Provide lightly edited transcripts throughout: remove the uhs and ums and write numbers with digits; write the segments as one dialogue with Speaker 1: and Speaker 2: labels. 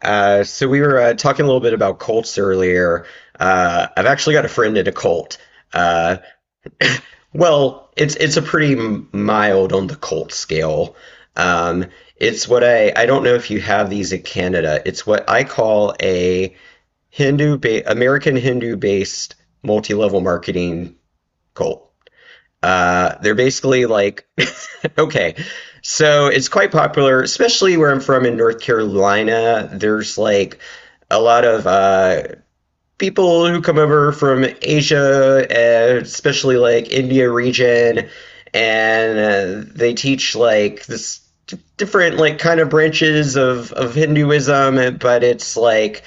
Speaker 1: So we were talking a little bit about cults earlier. I've actually got a friend in a cult. Uh, well, it's a pretty mild on the cult scale. Um, it's what I don't know if you have these in Canada. It's what I call a American Hindu based multi level marketing cult. They're basically like, okay, so it's quite popular, especially where I'm from in North Carolina. There's like a lot of people who come over from Asia, especially like India region, and they teach like this different like kind of branches of Hinduism, but it's like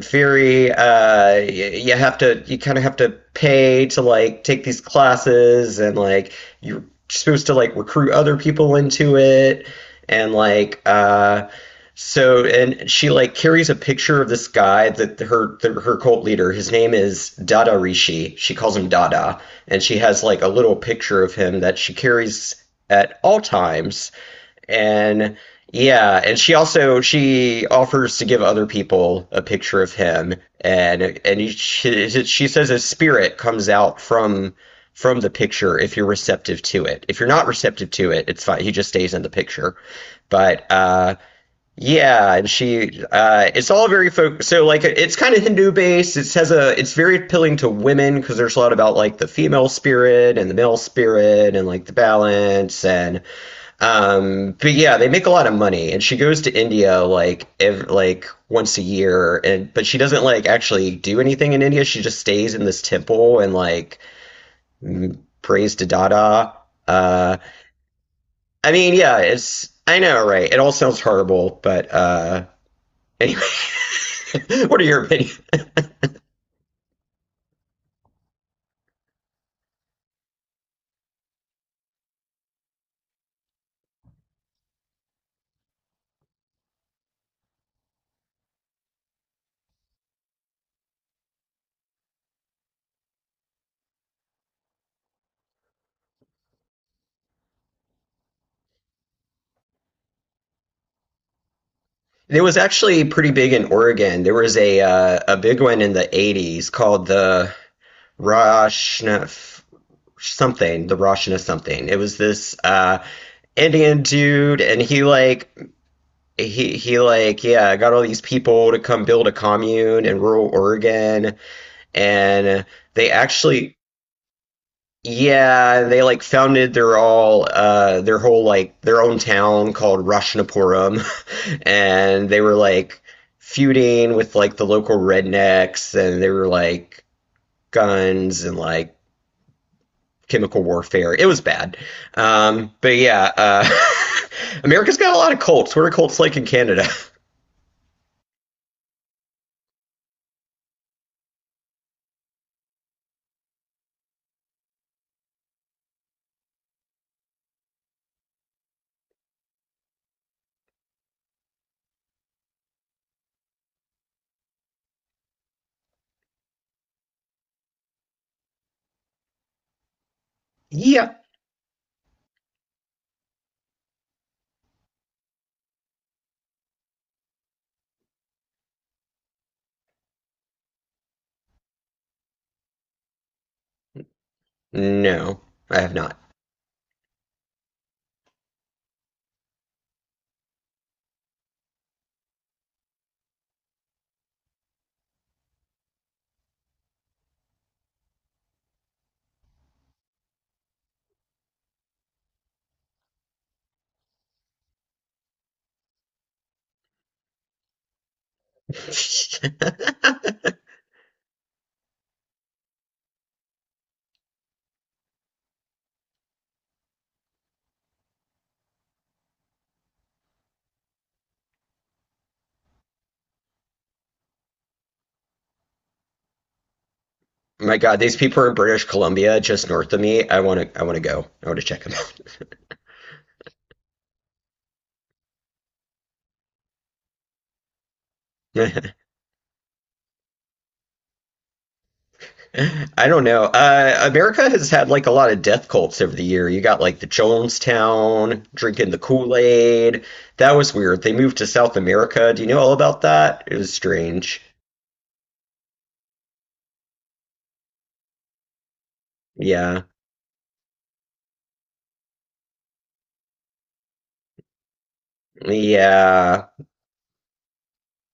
Speaker 1: Fury, you have to, you kind of have to pay to like take these classes, and like you're supposed to like recruit other people into it, and like, and she like carries a picture of this guy that her cult leader, his name is Dada Rishi. She calls him Dada, and she has like a little picture of him that she carries at all times and yeah, and she also she offers to give other people a picture of him, and she says a spirit comes out from the picture if you're receptive to it. If you're not receptive to it, it's fine. He just stays in the picture. But yeah, and she it's all very so like it's kind of Hindu based. It has a it's very appealing to women because there's a lot about like the female spirit and the male spirit and like the balance and but yeah, they make a lot of money, and she goes to India like once a year, and but she doesn't like actually do anything in India. She just stays in this temple and prays to Dada. Uh, I mean, yeah, it's I know, right? It all sounds horrible, but anyway, what are your opinions? It was actually pretty big in Oregon. There was a big one in the 80's called the Roshna something, the Roshna something. It was this Indian dude and he like yeah got all these people to come build a commune in rural Oregon and they actually yeah they like founded their all their whole like their own town called Roshnapuram and they were like feuding with like the local rednecks and they were like guns and like chemical warfare. It was bad. But yeah, America's got a lot of cults. What are cults like in Canada? yeah. No, I have not. My God, these people are in British Columbia, just north of me. I want to go. I want to check them out. I don't know. America has had like a lot of death cults over the year. You got like the Jonestown drinking the Kool Aid. That was weird. They moved to South America. Do you know all about that? It was strange. Yeah. Yeah.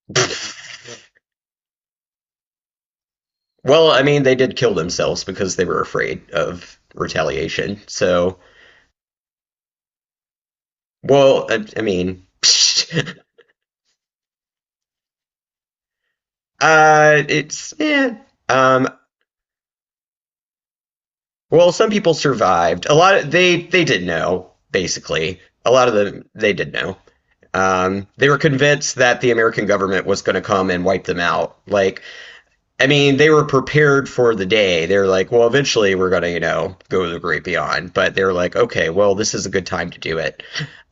Speaker 1: well, I mean, they did kill themselves because they were afraid of retaliation. So, well, I mean, it's yeah. Um, well, some people survived. A lot of they did know. Basically, a lot of them they did know. They were convinced that the American government was going to come and wipe them out. Like I mean, they were prepared for the day. They're like, well, eventually we're gonna, you know, go to the great beyond. But they're like, okay, well, this is a good time to do it.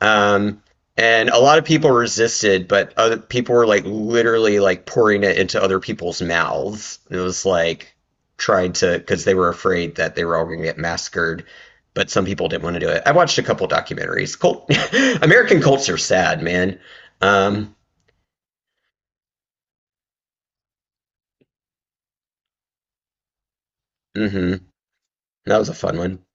Speaker 1: Um, and a lot of people resisted, but other people were like literally like pouring it into other people's mouths. It was like trying to because they were afraid that they were all gonna get massacred. But some people didn't want to do it. I watched a couple documentaries. Cult, American cults are sad, man. Um, hmm. That was a fun one.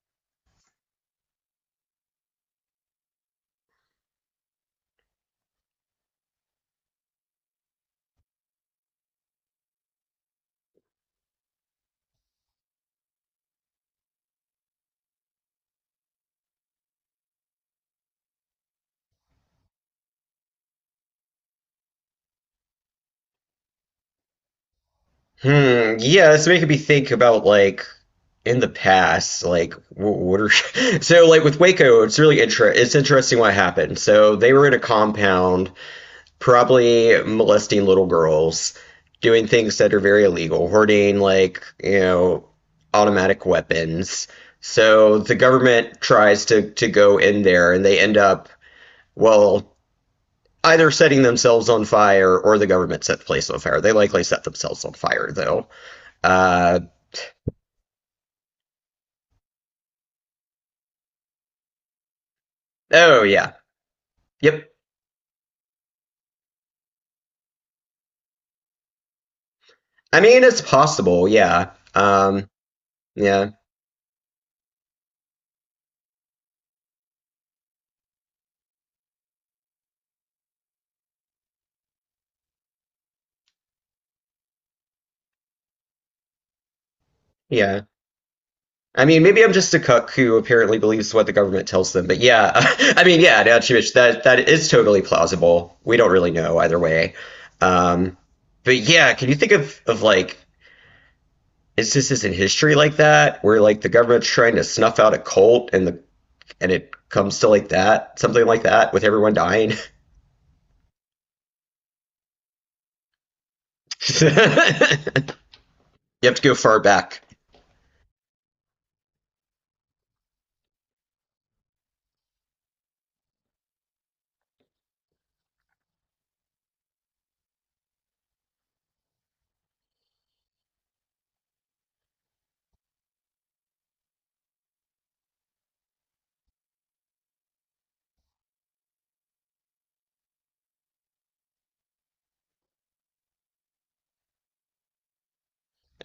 Speaker 1: Hmm. Yeah, it's making me think about like in the past, like what are so like with Waco, it's really it's interesting what happened. So they were in a compound, probably molesting little girls, doing things that are very illegal, hoarding like you know automatic weapons. So the government tries to go in there, and they end up well either setting themselves on fire or the government set the place on fire. They likely set themselves on fire though. Uh, Oh yeah. Yep. I mean, it's possible, yeah. Yeah, yeah. I mean, maybe I'm just a cuck who apparently believes what the government tells them, but yeah. I mean, yeah, now Chimich, that is totally plausible. We don't really know either way. Um, but yeah, can you think of like instances in history like that where like the government's trying to snuff out a cult and the and it comes to like that, something like that with everyone dying? You have to go far back.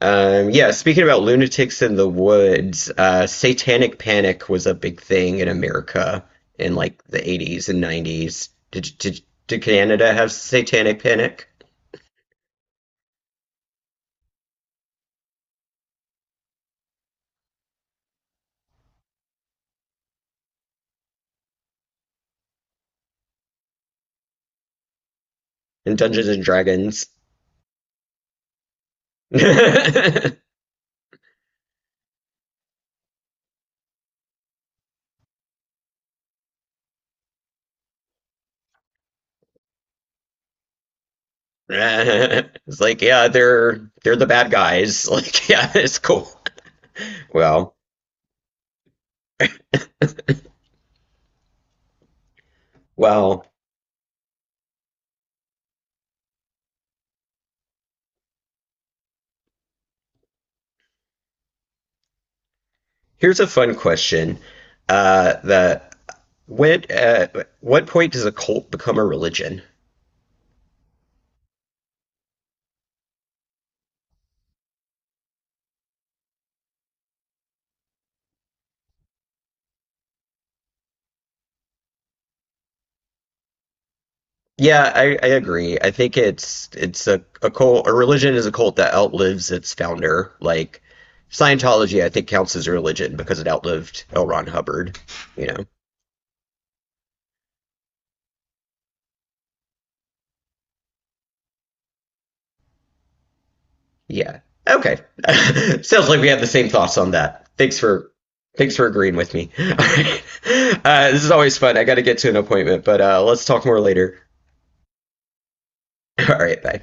Speaker 1: Yeah, speaking about lunatics in the woods, satanic panic was a big thing in America in like the 80's and 90's. Did Canada have satanic panic in Dungeons and Dragons? It's like, yeah, they're the bad guys. Like, yeah, it's cool. Well, well, here's a fun question. The when what point does a cult become a religion? Yeah, I agree. I think a cult, a religion is a cult that outlives its founder. Like Scientology, I think counts as a religion because it outlived L. Ron Hubbard, you know. Yeah. Okay. Sounds like we have the same thoughts on that. Thanks for agreeing with me. All right. This is always fun. I got to get to an appointment, but let's talk more later. All right, bye.